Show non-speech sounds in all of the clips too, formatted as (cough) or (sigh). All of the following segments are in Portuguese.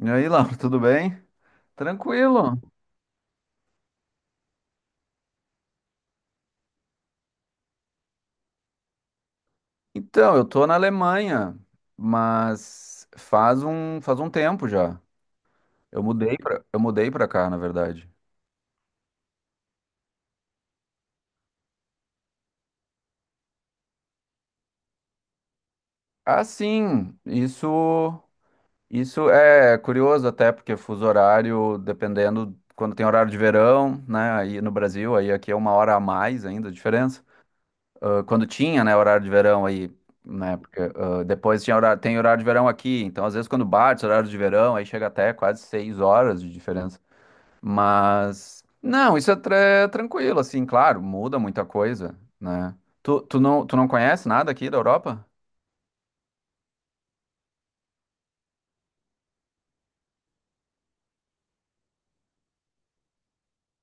E aí, Laura, tudo bem? Tranquilo. Então, eu tô na Alemanha, mas faz um tempo já. Eu mudei pra cá, na verdade. Ah, sim, isso é curioso até, porque fuso horário, dependendo, quando tem horário de verão, né, aí no Brasil, aí aqui é 1 hora a mais ainda, a diferença. Quando tinha, né, horário de verão aí, né, porque depois tem horário de verão aqui, então às vezes quando bate horário de verão, aí chega até quase 6 horas de diferença. Mas, não, isso é tranquilo, assim, claro, muda muita coisa, né? Tu não conhece nada aqui da Europa?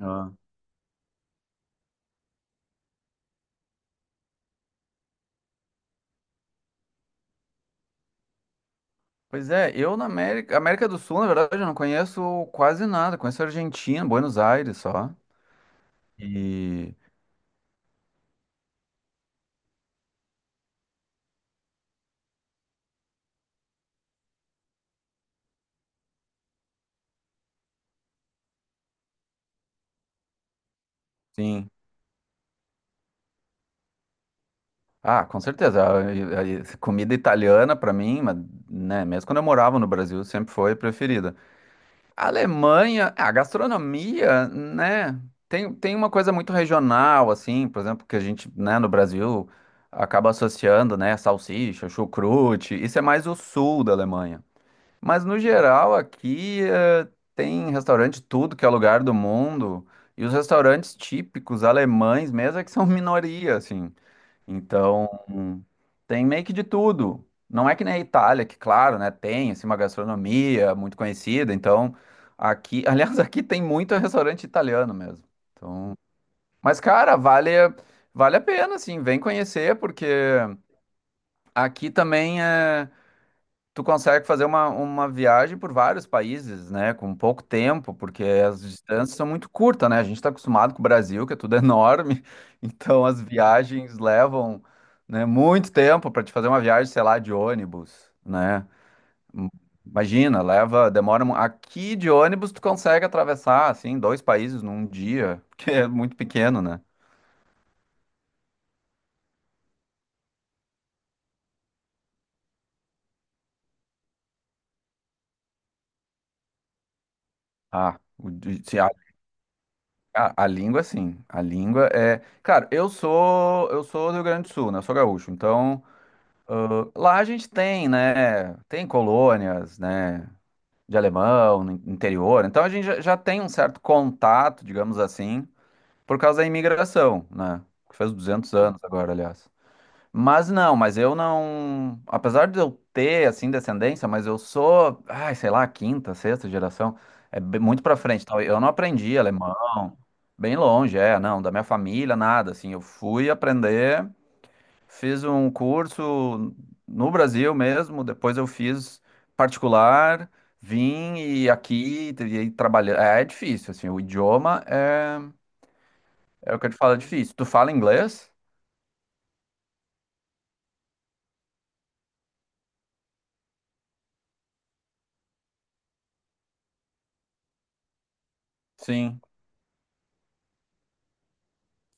Ah. Pois é, América do Sul, na verdade, eu não conheço quase nada. Conheço a Argentina, Buenos Aires só. E sim. Ah, com certeza. A comida italiana, para mim, mas, né, mesmo quando eu morava no Brasil, sempre foi preferida. A Alemanha, a gastronomia, né, tem uma coisa muito regional, assim, por exemplo, que a gente, né, no Brasil, acaba associando, né, salsicha, chucrute, isso é mais o sul da Alemanha. Mas, no geral, aqui, tem restaurante tudo que é lugar do mundo, e os restaurantes típicos alemães mesmo é que são (laughs) minoria, assim. Então, tem meio que de tudo. Não é que nem a Itália, que claro, né, tem assim, uma gastronomia muito conhecida. Então, aqui, (laughs) aliás, aqui tem muito restaurante italiano mesmo. Então, mas cara, vale a pena assim, vem conhecer porque aqui também é tu consegue fazer uma viagem por vários países, né? Com pouco tempo, porque as distâncias são muito curtas, né? A gente está acostumado com o Brasil, que é tudo (laughs) enorme, então as viagens levam, né, muito tempo para te fazer uma viagem, sei lá, de ônibus, né? Hum, Imagina, leva, demora. Aqui de ônibus tu consegue atravessar, assim, dois países num dia, (laughs) porque é muito pequeno, né? Ah, a língua, sim. A língua é. Cara, eu sou do Rio Grande do Sul, né? Eu sou gaúcho. Então, lá a gente tem, né? Tem colônias, né? De alemão, no interior. Então a gente já tem um certo contato, digamos assim, por causa da imigração, né? Que faz 200 anos agora, aliás. Mas não, mas eu não. Apesar de eu ter, assim, descendência, mas eu sou, sei lá, quinta, sexta geração. É bem- muito pra frente. Então, eu não aprendi alemão, bem longe, é, não, da minha família, nada. Assim, eu fui aprender, fiz um curso no Brasil mesmo, depois eu fiz particular, vim e aqui e aí trabalhei. é difícil assim, o idioma é o que eu te falo, é difícil. Tu fala inglês? Sim.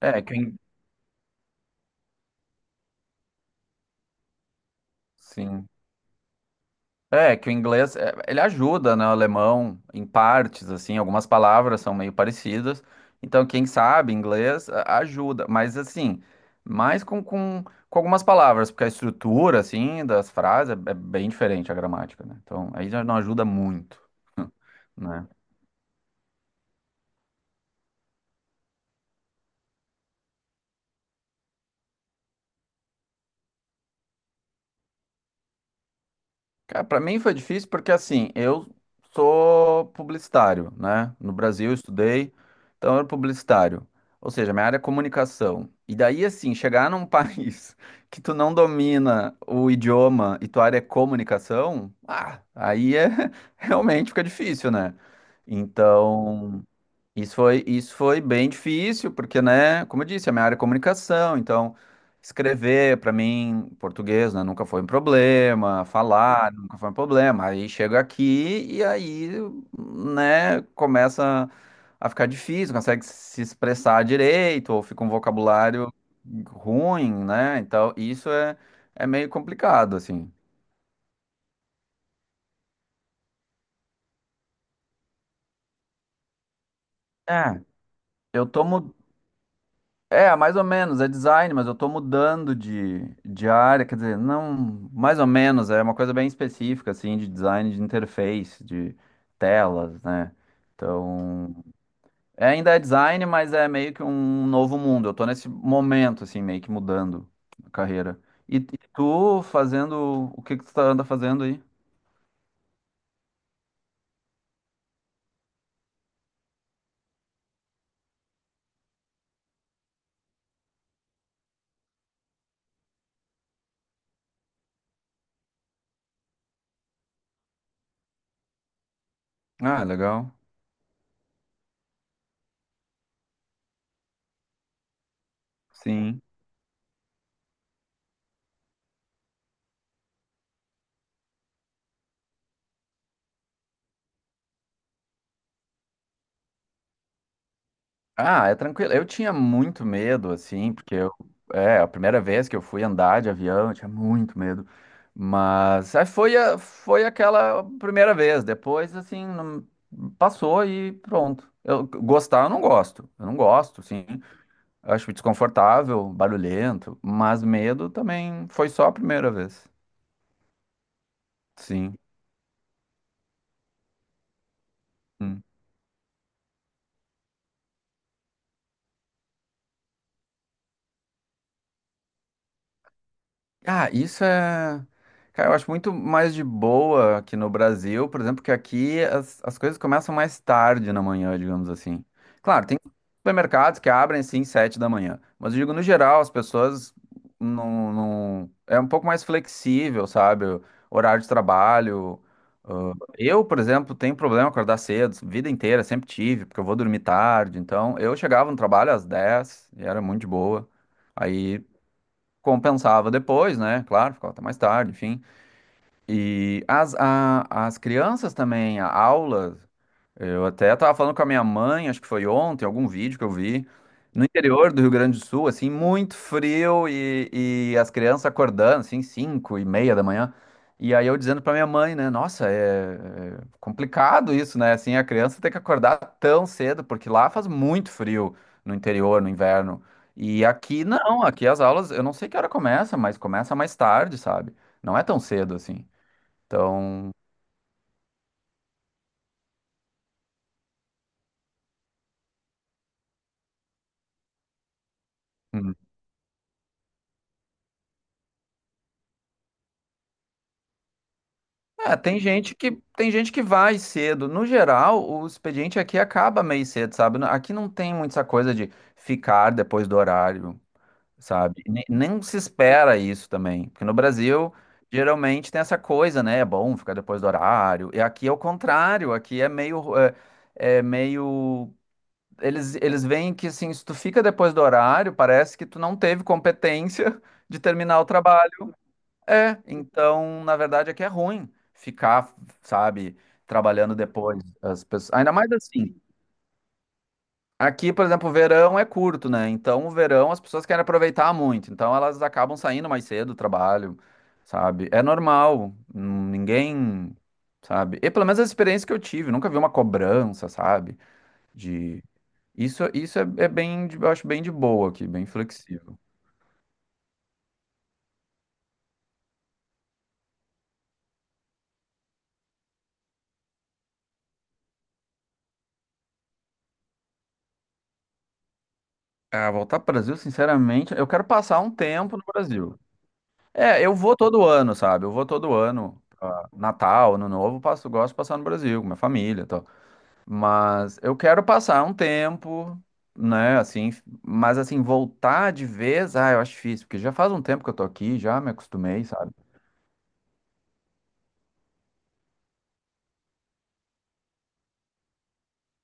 É, quem. Sim. É, que o inglês, é, ele ajuda, né, o alemão em partes, assim, algumas palavras são meio parecidas. Então, quem sabe inglês ajuda, mas assim, mais com algumas palavras, porque a estrutura, assim, das frases é bem diferente a gramática, né? Então, aí já não ajuda muito, (laughs) né? Cara, para mim foi difícil porque assim, eu sou publicitário, né? No Brasil eu estudei, então eu era publicitário. Ou seja, minha área é comunicação. E daí assim, chegar num (laughs) país que tu não domina o idioma e tua área é comunicação, ah, aí é (laughs) realmente fica difícil, né? Então, isso foi bem difícil, porque, né, como eu disse, a minha área é comunicação, então escrever para mim, português, né, nunca foi um problema, falar nunca foi um problema. Aí chego aqui e aí, né, começa a ficar difícil, consegue se expressar direito, ou fica um vocabulário ruim, né? Então, isso é meio complicado, assim. É, eu tô mu- é, mais ou menos, é design, mas eu tô mudando de área, quer dizer, não, mais ou menos, é uma coisa bem específica, assim, de design de interface, de telas, né? Então, é, ainda é design, mas é meio que um novo mundo. Eu tô nesse momento, assim, meio que mudando a carreira. E tu fazendo, o que que tu tá, anda fazendo aí? Ah, legal. Sim. Ah, é tranquilo. Eu tinha muito medo, assim, porque eu, é, a primeira vez que eu fui andar de avião, eu tinha muito medo. Mas aí foi aquela primeira vez. Depois, assim, não- passou e pronto. Eu não gosto. Eu não gosto, sim. Acho desconfortável, barulhento, mas medo também foi só a primeira vez. Sim. Hum. Ah, isso é. Cara, eu acho muito mais de boa aqui no Brasil, por exemplo, que aqui as coisas começam mais tarde na manhã, digamos assim. Claro, tem supermercados que abrem sim 7 da manhã, mas eu digo no geral, as pessoas não, não é um pouco mais flexível, sabe? O horário de trabalho. Ah, eu, por exemplo, tenho problema acordar cedo, vida inteira, sempre tive, porque eu vou dormir tarde. Então, eu chegava no trabalho às 10 e era muito de boa. Aí compensava depois, né? Claro, ficava até mais tarde, enfim. E as crianças também, a aula. Eu até tava falando com a minha mãe, acho que foi ontem, algum vídeo que eu vi, no interior do Rio Grande do Sul, assim, muito frio e as crianças acordando, assim, 5:30 da manhã. E aí eu dizendo pra minha mãe, né, nossa, é, é complicado isso, né, assim, a criança tem que acordar tão cedo, porque lá faz muito frio no interior, no inverno. E aqui não, aqui as aulas, eu não sei que hora começa, mas começa mais tarde, sabe? Não é tão cedo assim. Então. É, tem gente que vai cedo. No geral, o expediente aqui acaba meio cedo, sabe? Aqui não tem muito essa coisa de ficar depois do horário, sabe? Nem, nem se espera isso também, porque no Brasil geralmente tem essa coisa, né? É bom ficar depois do horário. E aqui é o contrário. Aqui é meio, eles veem que assim, se tu fica depois do horário, parece que tu não teve competência (laughs) de terminar o trabalho. É, então, na verdade, é que é ruim ficar, sabe, trabalhando depois. As pessoas. Ainda mais assim, aqui, por exemplo, o verão é curto, né? Então, o verão as pessoas querem aproveitar muito. Então, elas acabam saindo mais cedo do trabalho, sabe? É normal. Ninguém, sabe? E pelo menos a experiência que eu tive, nunca vi uma cobrança, sabe? De. Isso é, é bem, eu acho bem de boa aqui, bem flexível. Ah, voltar para o Brasil, sinceramente, eu quero passar um tempo no Brasil. É, eu vou todo ano, sabe? Eu vou todo ano. Natal, Ano Novo, passo, gosto de passar no Brasil, com minha família e tal. Mas eu quero passar um tempo, né? Assim, mas assim, voltar de vez, ah, eu acho difícil, porque já faz um tempo que eu tô aqui, já me acostumei, sabe?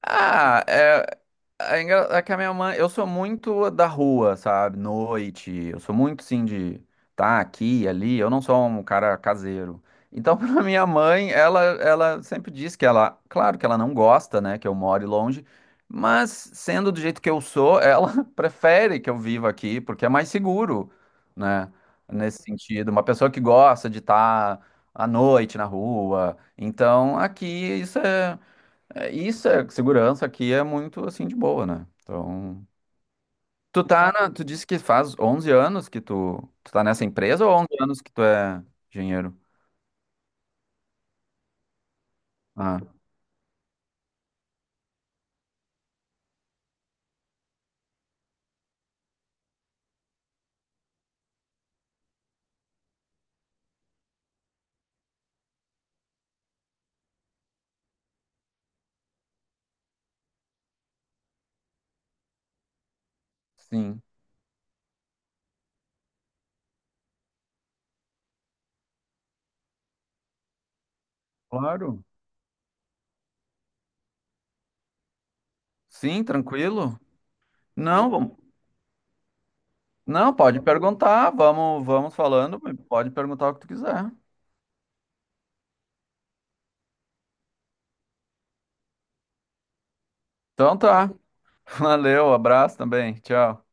Ah, é. É engra- é que a minha mãe, eu sou muito da rua, sabe? Noite, eu sou muito sim de tá aqui, ali, eu não sou um cara caseiro. Então, (laughs) pra minha mãe, ela sempre diz que ela, claro que ela não gosta, né, que eu more longe, mas sendo do jeito que eu sou, ela (laughs) prefere que eu viva aqui, porque é mais seguro, né? Nesse sentido, uma pessoa que gosta de estar à noite na rua. Então, aqui isso é. É, isso é segurança aqui é muito assim de boa, né? Então, tu disse que faz 11 anos que tu tá nessa empresa ou 11 anos que tu é engenheiro? Ah, sim. Claro. Sim, tranquilo. Não, não, pode perguntar, vamos falando, pode perguntar o que tu quiser. Então tá. (laughs) Valeu, abraço também. Tchau.